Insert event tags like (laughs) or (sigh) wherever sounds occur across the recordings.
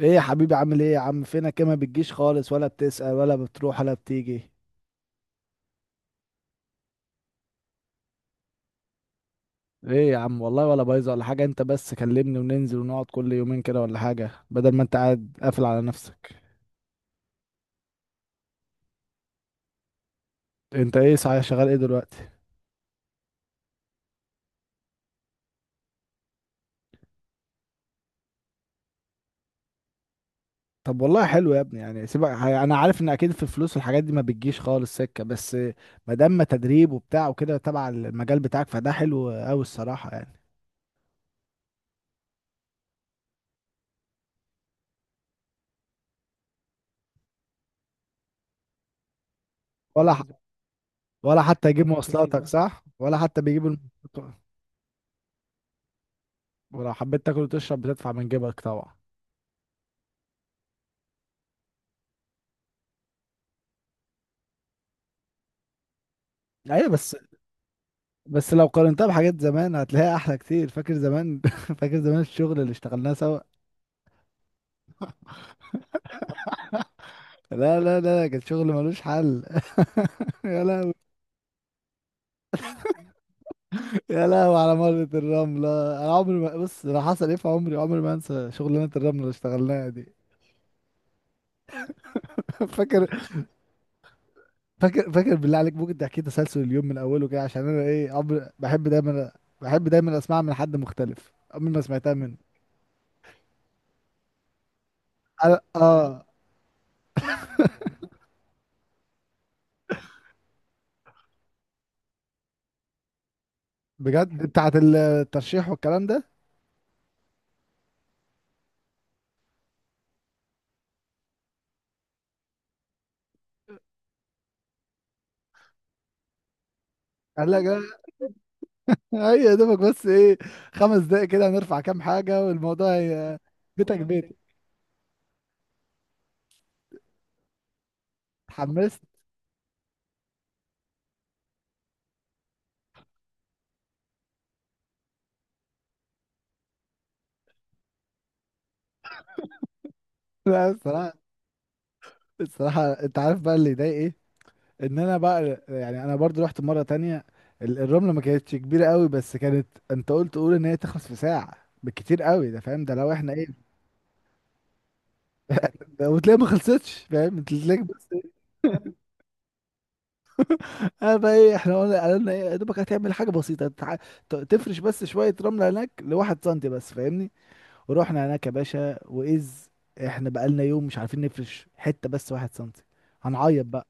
ايه يا حبيبي، عامل ايه يا عم؟ فينك إيه؟ ما بتجيش خالص ولا بتسأل ولا بتروح ولا بتيجي. ايه يا عم، والله ولا بايظه ولا حاجه. انت بس كلمني وننزل ونقعد كل يومين كده ولا حاجه، بدل ما انت قاعد قافل على نفسك. انت ايه صحيح، شغال ايه دلوقتي؟ طب والله حلو يا ابني. يعني سيبك انا عارف ان اكيد في الفلوس والحاجات دي ما بتجيش خالص سكه، بس ما دام تدريب وبتاع وكده تبع المجال بتاعك فده حلو قوي الصراحه يعني. ولا ح... ولا حتى يجيب مواصلاتك؟ صح، ولا حتى بيجيب الم... ولو حبيت تاكل وتشرب بتدفع من جيبك طبعا. ايوه، بس بس لو قارنتها بحاجات زمان هتلاقيها احلى كتير. فاكر زمان؟ (laughs) فاكر زمان الشغل اللي اشتغلناه سوا؟ لا كان شغل ملوش حل. (laughs) يا لهوي. يا لهوي على مرة الرملة، انا عمري ما بص انا حصل ايه في عمري، عمري ما انسى شغلانة الرملة اللي اشتغلناها دي. (laughs) فاكر؟ فاكر بالله عليك ممكن تحكي تسلسل اليوم من اوله كده، عشان انا ايه عمري بحب دايما، بحب دايما اسمعها من حد مختلف، عمري ما سمعتها منه. اه. بجد بتاعت الترشيح والكلام ده؟ قال لك هي، يا دوبك بس ايه، خمس دقايق كده هنرفع كام حاجة والموضوع هي. بيتك بيتي. اتحمست. لا الصراحة. الصراحة انت عارف بقى اللي يضايق ايه، ان انا بقى يعني انا برضو رحت مرة تانية. الرملة ما كانتش كبيرة قوي، بس كانت انت قلت قول ان هي تخلص في ساعة بالكتير قوي، ده فاهم، ده لو احنا ايه. ده وتلاقي ما خلصتش فاهم انت، تلاقيك بس. انا بقى ايه، احنا قلنا قالوا لنا ايه، يا دوبك هتعمل حاجة بسيطة، تفرش بس شوية رملة هناك لواحد سنتي بس فاهمني. ورحنا هناك يا باشا واذ احنا بقالنا يوم مش عارفين نفرش حته بس واحد سنتي. هنعيط بقى.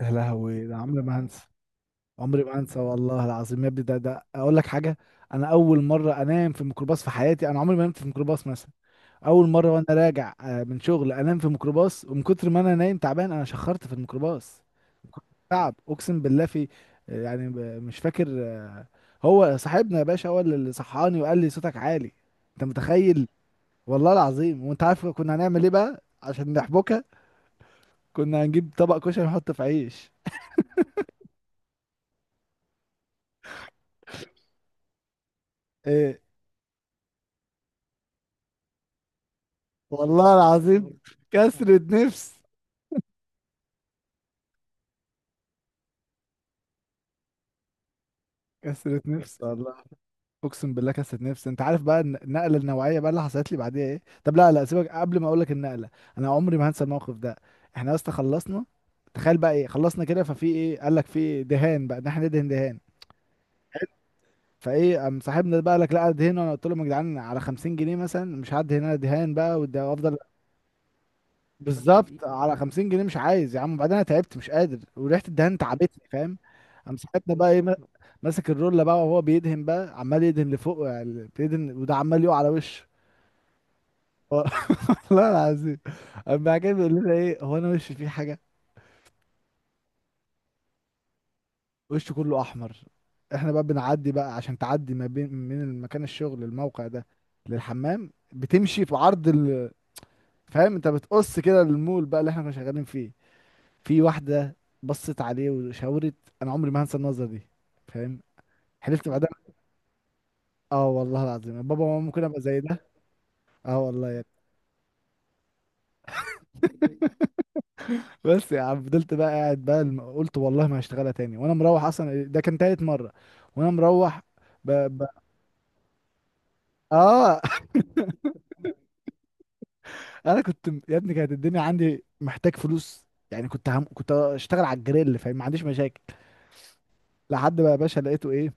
يا لهوي ده عمري ما هنسى. عمري ما هنسى، والله العظيم يا ابني، ده ده اقول لك حاجه. انا اول مره انام في ميكروباص في حياتي، انا عمري ما نمت في ميكروباص مثلا. اول مره وانا راجع من شغل انام في ميكروباص، ومن كتر ما انا نايم تعبان انا شخرت في الميكروباص. من كتر تعب اقسم بالله في، يعني مش فاكر. هو صاحبنا يا باشا هو اللي صحاني وقال لي صوتك عالي. انت متخيل؟ والله العظيم. وانت عارف كنا هنعمل ايه بقى عشان نحبكها؟ كنا هنجيب طبق كشري نحط في عيش. ايه. والله العظيم. كسرة نفس. كسرة نفس والله. اقسم بالله كسرة نفس. انت عارف بقى النقلة النوعية بقى اللي حصلت لي بعديها ايه؟ طب لا لا سيبك، قبل ما اقول لك النقلة، انا عمري ما هنسى الموقف ده. احنا يا اسطى خلصنا. تخيل بقى ايه، خلصنا كده ففي ايه، قال لك في دهان بقى، ان احنا ندهن دهان. فايه قام صاحبنا ده بقى قال لك لا دهن، وانا قلت لهم يا جدعان، على 50 جنيه مثلا مش هعدي هنا دهان بقى وافضل. بالظبط، على 50 جنيه مش عايز يا عم، وبعدين انا تعبت مش قادر وريحه الدهان تعبتني فاهم. قام صاحبنا بقى ايه، ماسك الرولة بقى وهو بيدهن بقى، عمال يدهن لفوق يعني، بيدهن وده عمال يقع على وشه. (laughs) والله العظيم. قام بعد كده بيقول لنا ايه، هو انا وشي فيه حاجه؟ وشه كله احمر. احنا بقى بنعدي بقى عشان تعدي ما بين من المكان الشغل الموقع ده للحمام بتمشي في عرض ال... فاهم انت بتقص كده المول بقى اللي احنا كنا شغالين فيه. في واحدة بصت عليه وشاورت. أنا عمري ما هنسى النظرة دي فاهم. حلفت بعدها، اه والله العظيم، بابا وماما ممكن ابقى زي ده. اه والله يا ابني. (laughs) بس يا عم فضلت بقى قاعد بقى، قلت والله ما هشتغلها تاني وانا مروح، اصلا ده كان تالت مرة. وانا مروح ب... ب... اه. (laughs) انا كنت يا ابني كانت الدنيا عندي محتاج فلوس يعني، كنت هم... كنت اشتغل على الجريل فاهم، ما عنديش مشاكل. لحد بقى يا باشا لقيته ايه،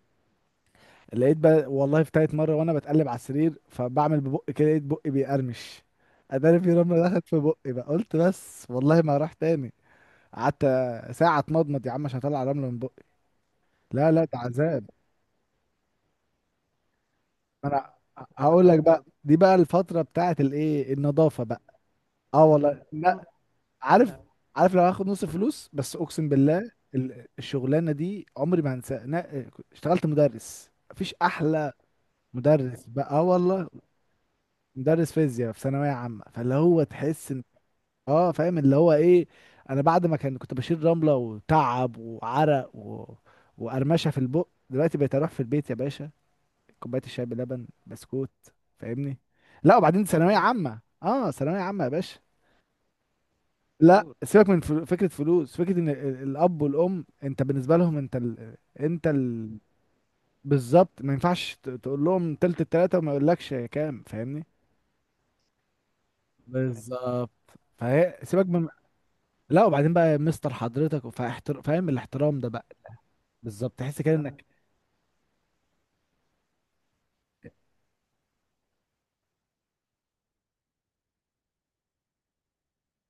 لقيت بقى والله في تالت مرة وانا بتقلب على السرير، فبعمل ببقي كده لقيت بقي بيقرمش. اداني في رملة دخلت في بقي بقى، قلت بس والله ما راح تاني. قعدت ساعة اتمضمض يا عم عشان اطلع رملة من بقي. لا لا ده عذاب. انا هقول لك بقى، دي بقى الفترة بتاعت الايه، النظافة بقى. اه والله لا. عارف، عارف لو هاخد نص فلوس بس، اقسم بالله الشغلانة دي عمري ما هنساها. أنا اشتغلت مدرس، مفيش احلى. مدرس بقى اه والله. مدرس فيزياء في ثانويه عامه، فاللي هو تحس ان، اه فاهم اللي هو ايه. انا بعد ما كان كنت بشيل رمله وتعب وعرق و... وقرمشه في البق، دلوقتي بقيت اروح في البيت يا باشا، كوبايه الشاي بلبن بسكوت فاهمني. لا وبعدين ثانويه عامه، اه ثانويه عامه يا باشا. لا ايوه سيبك من فكره فلوس، فكره ان الاب والام انت بالنسبه لهم، انت ال... انت ال... بالظبط. ما ينفعش تقول لهم تلت التلاته وما يقولكش كام فاهمني. بالظبط. فهي سيبك من. لا وبعدين بقى مستر حضرتك، فاحتر... فاهم الاحترام ده بقى. بالظبط تحس كده انك.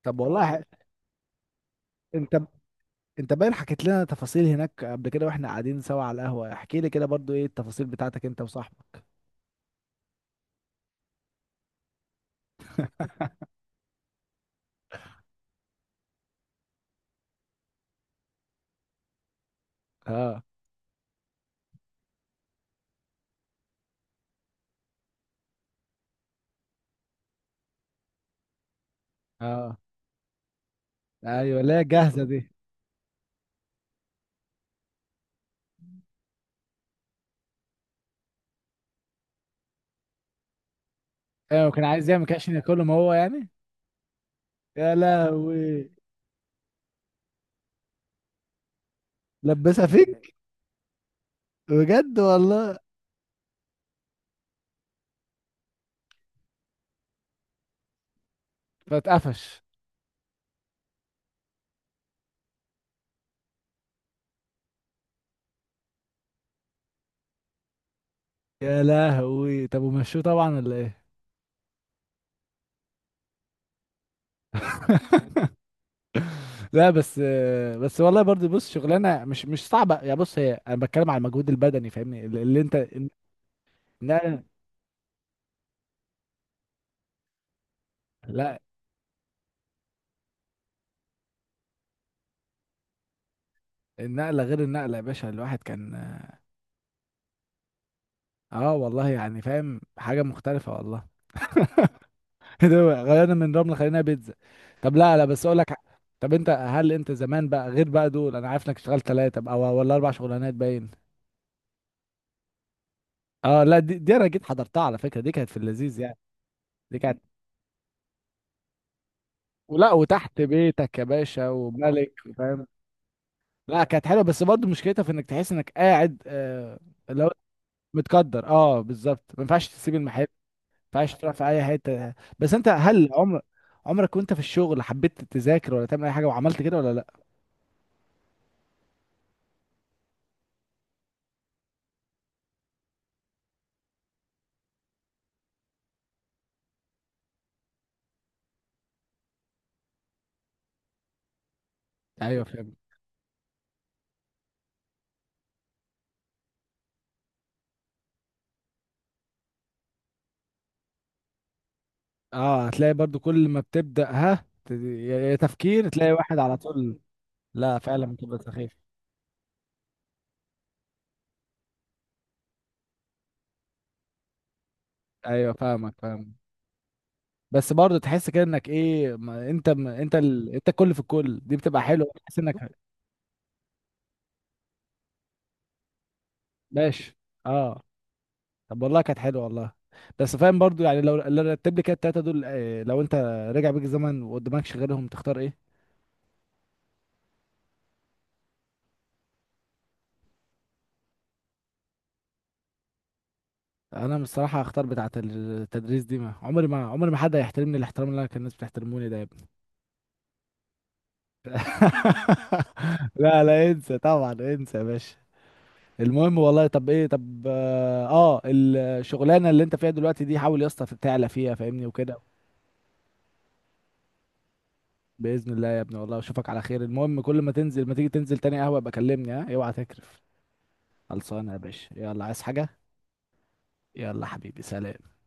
طب والله ح... انت، انت باين حكيت لنا تفاصيل هناك قبل كده واحنا قاعدين سوا على القهوه. احكي لي كده برضو ايه التفاصيل بتاعتك انت وصاحبك. اه. اه. ايوه. لا جاهزه دي. ايوه كان عايز يعمل كده عشان ياكلهم هو يعني. يا لهوي. لبسها فيك. بجد والله. فاتقفش. يا لهوي طب ومشوه طبعا ولا ايه؟ لا بس. بس والله برضه بص شغلانه مش مش صعبه يعني، بص هي، انا بتكلم على المجهود البدني فاهمني، اللي انت. النقله. لا النقله غير النقله يا باشا، الواحد كان. اه والله يعني فاهم حاجه مختلفه والله. (laughs) ده بقى، غيرنا من رمل خلينا بيتزا. طب لا لا بس اقول لك ح-. طب انت هل انت زمان بقى غير بقى دول، انا عارف انك اشتغلت ثلاثه او ولا اربع شغلانات باين. اه. لا دي, دي انا جيت حضرتها على فكره، دي كانت في اللذيذ يعني. دي كانت ولا وتحت بيتك يا باشا وملك فاهم. لا كانت حلوه بس برضه مشكلتها في انك تحس انك قاعد آه. لو متقدر، اه بالظبط ما ينفعش تسيب المحل. ما ينفعش تروح في اي حته. بس انت هل عمر، عمرك وانت في الشغل حبيت تذاكر ولا تعمل اي حاجه وعملت كده ولا لا؟ ايوه فاهم. اه هتلاقي برضو كل ما بتبدا ها يا تفكير تلاقي واحد على طول. لا فعلا بتبقى سخيف. ايوه فاهمك، فاهم. بس برضه تحس كده انك ايه، ما انت، ما انت ال... انت الكل في الكل، دي بتبقى حلوه تحس انك. ماشي. اه. طب والله كانت حلوه والله. بس فاهم برضو يعني لو رتب لي كده التلاته دول، لو انت رجع بيك الزمن وقدامكش غيرهم تختار ايه؟ انا بصراحه هختار بتاعه التدريس دي، ما عمري، ما عمري ما حد هيحترمني الاحترام اللي انا كان الناس بتحترموني ده يا ابني. (laughs) لا لا انسى طبعا انسى يا باشا. المهم والله، طب ايه، طب اه، الشغلانه اللي انت فيها دلوقتي دي حاول يا اسطى تعلى فيها فاهمني وكده. باذن الله يا ابني، والله اشوفك على خير. المهم كل ما تنزل ما تيجي تنزل تاني قهوه ابقى كلمني، ها اوعى تكرف. خلصانة يا باشا، يلا عايز حاجة؟ يلا حبيبي سلام.